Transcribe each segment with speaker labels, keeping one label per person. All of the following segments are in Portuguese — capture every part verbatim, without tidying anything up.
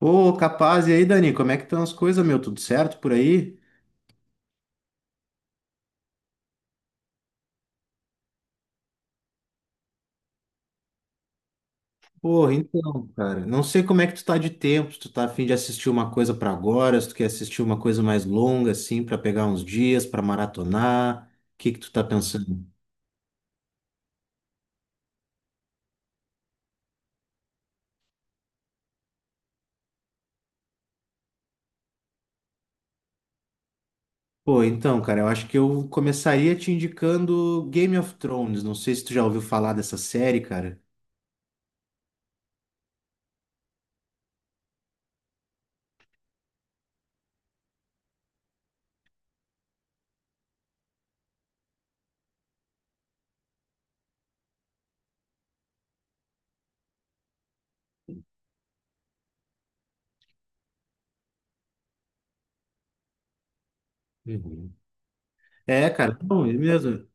Speaker 1: Ô, capaz, e aí, Dani, como é que estão as coisas, meu? Tudo certo por aí? Porra, então, cara, não sei como é que tu tá de tempo, se tu tá a fim de assistir uma coisa pra agora, se tu quer assistir uma coisa mais longa, assim, pra pegar uns dias, pra maratonar, o que que tu tá pensando? Pô, então, cara, eu acho que eu começaria te indicando Game of Thrones, não sei se tu já ouviu falar dessa série, cara. Uhum. É, cara, bom, é mesmo.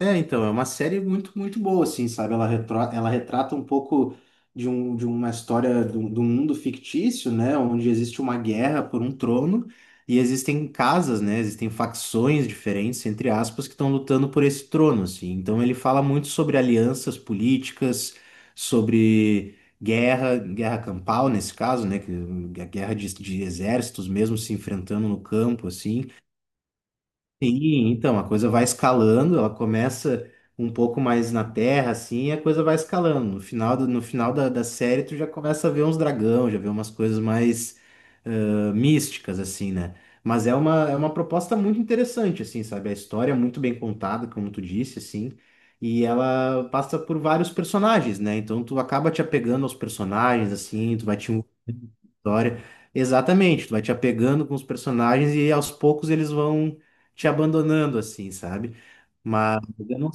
Speaker 1: É, então, é uma série muito, muito boa, assim, sabe? Ela, retro... ela retrata um pouco de, um, de uma história do, do mundo fictício, né? Onde existe uma guerra por um trono e existem casas, né? Existem facções diferentes, entre aspas, que estão lutando por esse trono, assim. Então, ele fala muito sobre alianças políticas, sobre guerra, guerra campal, nesse caso, né? Que- A guerra de, de exércitos mesmo se enfrentando no campo, assim. Sim, então a coisa vai escalando, ela começa um pouco mais na terra, assim, e a coisa vai escalando. No final, do- no final da, da série, tu já começa a ver uns dragão, já vê umas coisas mais ãh, místicas, assim, né? Mas é uma, é uma proposta muito interessante, assim, sabe? A história é muito bem contada, como tu disse, assim, e ela passa por vários personagens, né? Então tu acaba te apegando aos personagens, assim, tu vai te história. Exatamente, tu vai te apegando com os personagens e aos poucos eles vão te abandonando, assim, sabe? Mas eu não,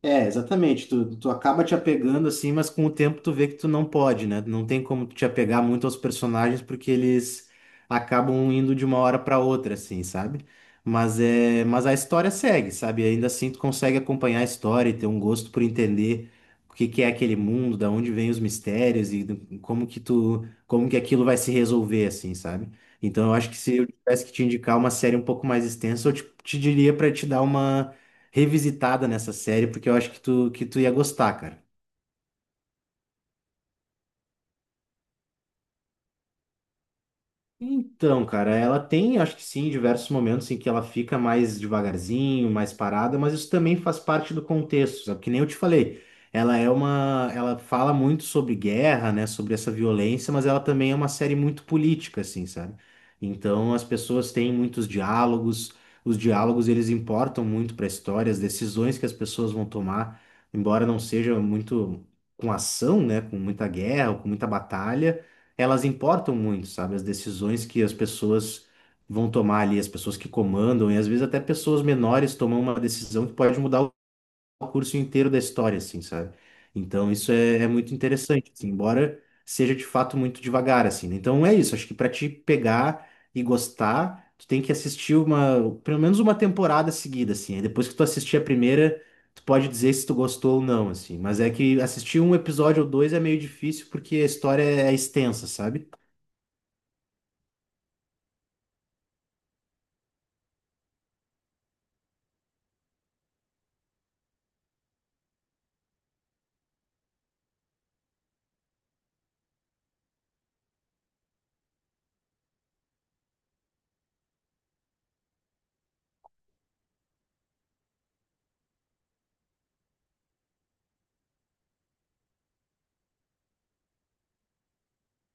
Speaker 1: é, exatamente. Tu, tu acaba te apegando assim, mas com o tempo tu vê que tu não pode, né? Não tem como tu te apegar muito aos personagens porque eles acabam indo de uma hora para outra, assim, sabe? Mas é, mas a história segue, sabe? Ainda assim tu consegue acompanhar a história e ter um gosto por entender o que que é aquele mundo, da onde vêm os mistérios e do- como que tu, como que aquilo vai se resolver, assim, sabe? Então eu acho que se eu tivesse que te indicar uma série um pouco mais extensa, eu te, te diria para te dar uma revisitada nessa série, porque eu acho que tu, que tu ia gostar, cara. Então, cara, ela tem, acho que sim, diversos momentos em que ela fica mais devagarzinho, mais parada, mas isso também faz parte do contexto, sabe? Que nem eu te falei, ela é uma, ela fala muito sobre guerra, né, sobre essa violência, mas ela também é uma série muito política, assim, sabe? Então, as pessoas têm muitos diálogos, os diálogos eles importam muito para a história, as decisões que as pessoas vão tomar, embora não seja muito com ação, né, com muita guerra, ou com muita batalha elas importam muito, sabe? As decisões que as pessoas vão tomar ali, as pessoas que comandam, e às vezes até pessoas menores tomam uma decisão que pode mudar o curso inteiro da história, assim, sabe? Então isso é, é muito interessante, assim, embora seja de fato muito devagar, assim. Né? Então é isso, acho que para te pegar e gostar, tu tem que assistir uma, pelo menos uma temporada seguida, assim. Aí depois que tu assistir a primeira, tu pode dizer se tu gostou ou não, assim. Mas é que assistir um episódio ou dois é meio difícil porque a história é extensa, sabe?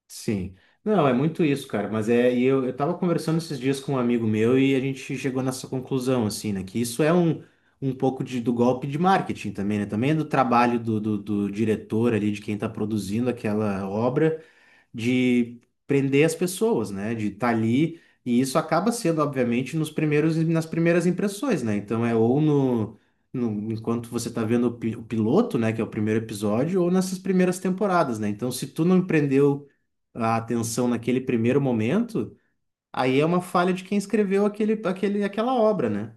Speaker 1: Sim. Não, é muito isso, cara. Mas é, e eu, eu tava conversando esses dias com um amigo meu e a gente chegou nessa conclusão, assim, né? Que isso é um, um pouco de, do golpe de marketing também, né? Também é do trabalho do, do, do diretor ali, de quem tá produzindo aquela obra de prender as pessoas, né? De estar ali. E isso acaba sendo, obviamente, nos primeiros, nas primeiras impressões, né? Então é ou no, no- enquanto você tá vendo o, pi- o piloto, né? Que é o primeiro episódio, ou nessas primeiras temporadas, né? Então, se tu não prendeu a atenção naquele primeiro momento, aí é uma falha de quem escreveu aquele, aquele, aquela obra, né?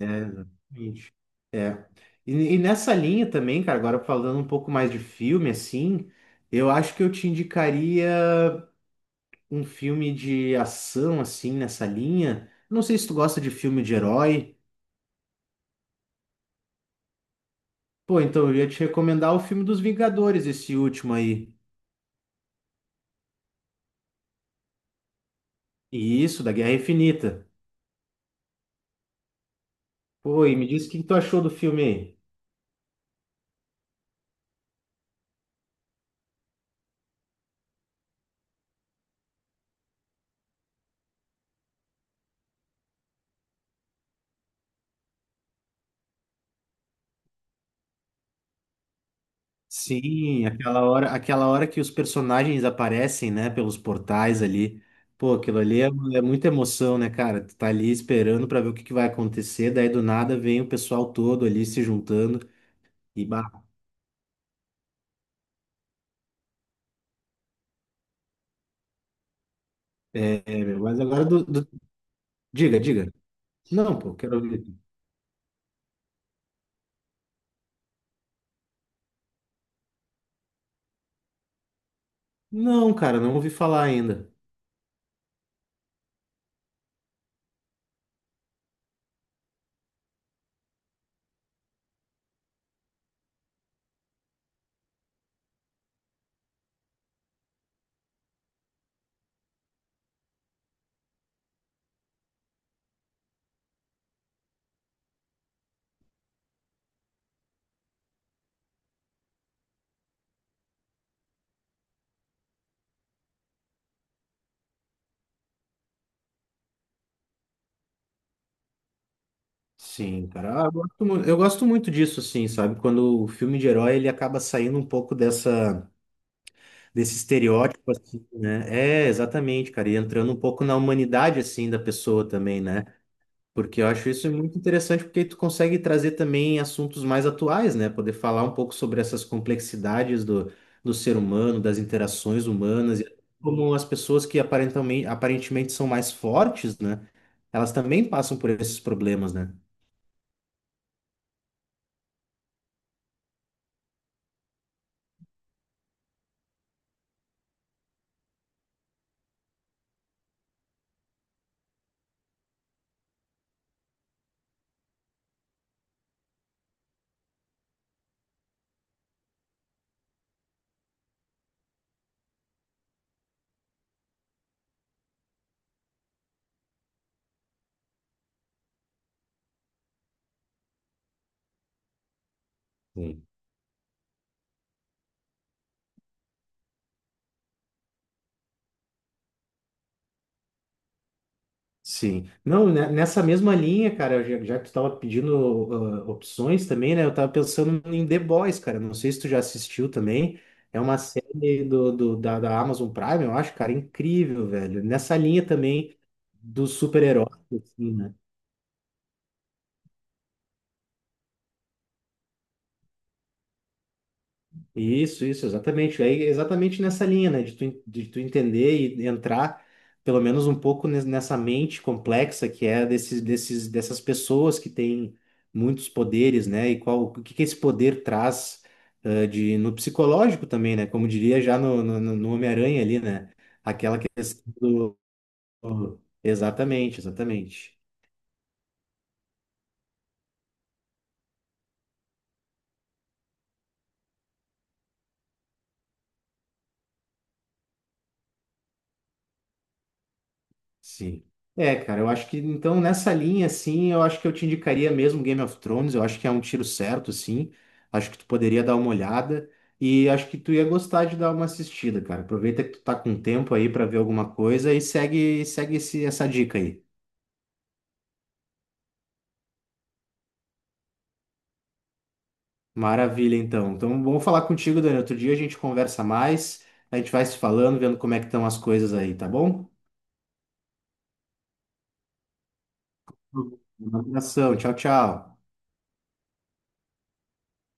Speaker 1: É, exatamente. É. E, e nessa linha também, cara, agora falando um pouco mais de filme, assim, eu acho que eu te indicaria um filme de ação assim nessa linha. Não sei se tu gosta de filme de herói. Pô, então eu ia te recomendar o filme dos Vingadores, esse último aí. E isso, da Guerra Infinita. Pô, e me diz o que que tu achou do filme aí. Sim, aquela hora, aquela hora que os personagens aparecem, né, pelos portais ali. Pô, aquilo ali é, é muita emoção, né, cara? Tu tá ali esperando pra ver o que que vai acontecer, daí do nada vem o pessoal todo ali se juntando e bah, é, é, meu, mas agora do, do- diga, diga. Não, pô, quero ouvir. Não, cara, não ouvi falar ainda. Sim, cara, ah, eu gosto, mu- eu gosto muito disso, assim, sabe? Quando o filme de herói ele acaba saindo um pouco dessa desse estereótipo, assim, né? É, exatamente, cara, e entrando um pouco na humanidade, assim, da pessoa também, né? Porque eu acho isso muito interessante, porque tu consegue trazer também assuntos mais atuais, né? Poder falar um pouco sobre essas complexidades do, do ser humano, das interações humanas, e como as pessoas que aparentemente, aparentemente são mais fortes, né? Elas também passam por esses problemas, né? Sim. Não, né, nessa mesma linha, cara, já, já que tu tava pedindo ah, opções também, né? Eu tava pensando em The Boys, cara. Não sei se tu já assistiu também. É uma série do, do- da, da Amazon Prime, eu acho, cara, incrível, velho. Nessa linha também do super-herói, assim, né? Isso, isso, exatamente. Aí, exatamente nessa linha, né? De tu, en- de tu entender e entrar, pelo menos um pouco nes- nessa mente complexa que é desses, desses, dessas pessoas que têm muitos poderes, né? E qual, o que que esse poder traz, eh, de, no psicológico também, né? Como diria já no, no, no no Homem-Aranha ali, né? Aquela questão do... Exatamente, exatamente. Sim. É, cara, eu acho que então nessa linha, assim, eu acho que eu te indicaria mesmo Game of Thrones, eu acho que é um tiro certo, assim. Acho que tu poderia dar uma olhada e acho que tu ia gostar de dar uma assistida, cara. Aproveita que tu tá com tempo aí pra ver alguma coisa e segue, segue esse, essa dica aí. Maravilha, então. Então, vamos falar contigo, Dani. Outro dia a gente conversa mais, a gente vai se falando, vendo como é que estão as coisas aí, tá bom? Um abração, tchau, tchau.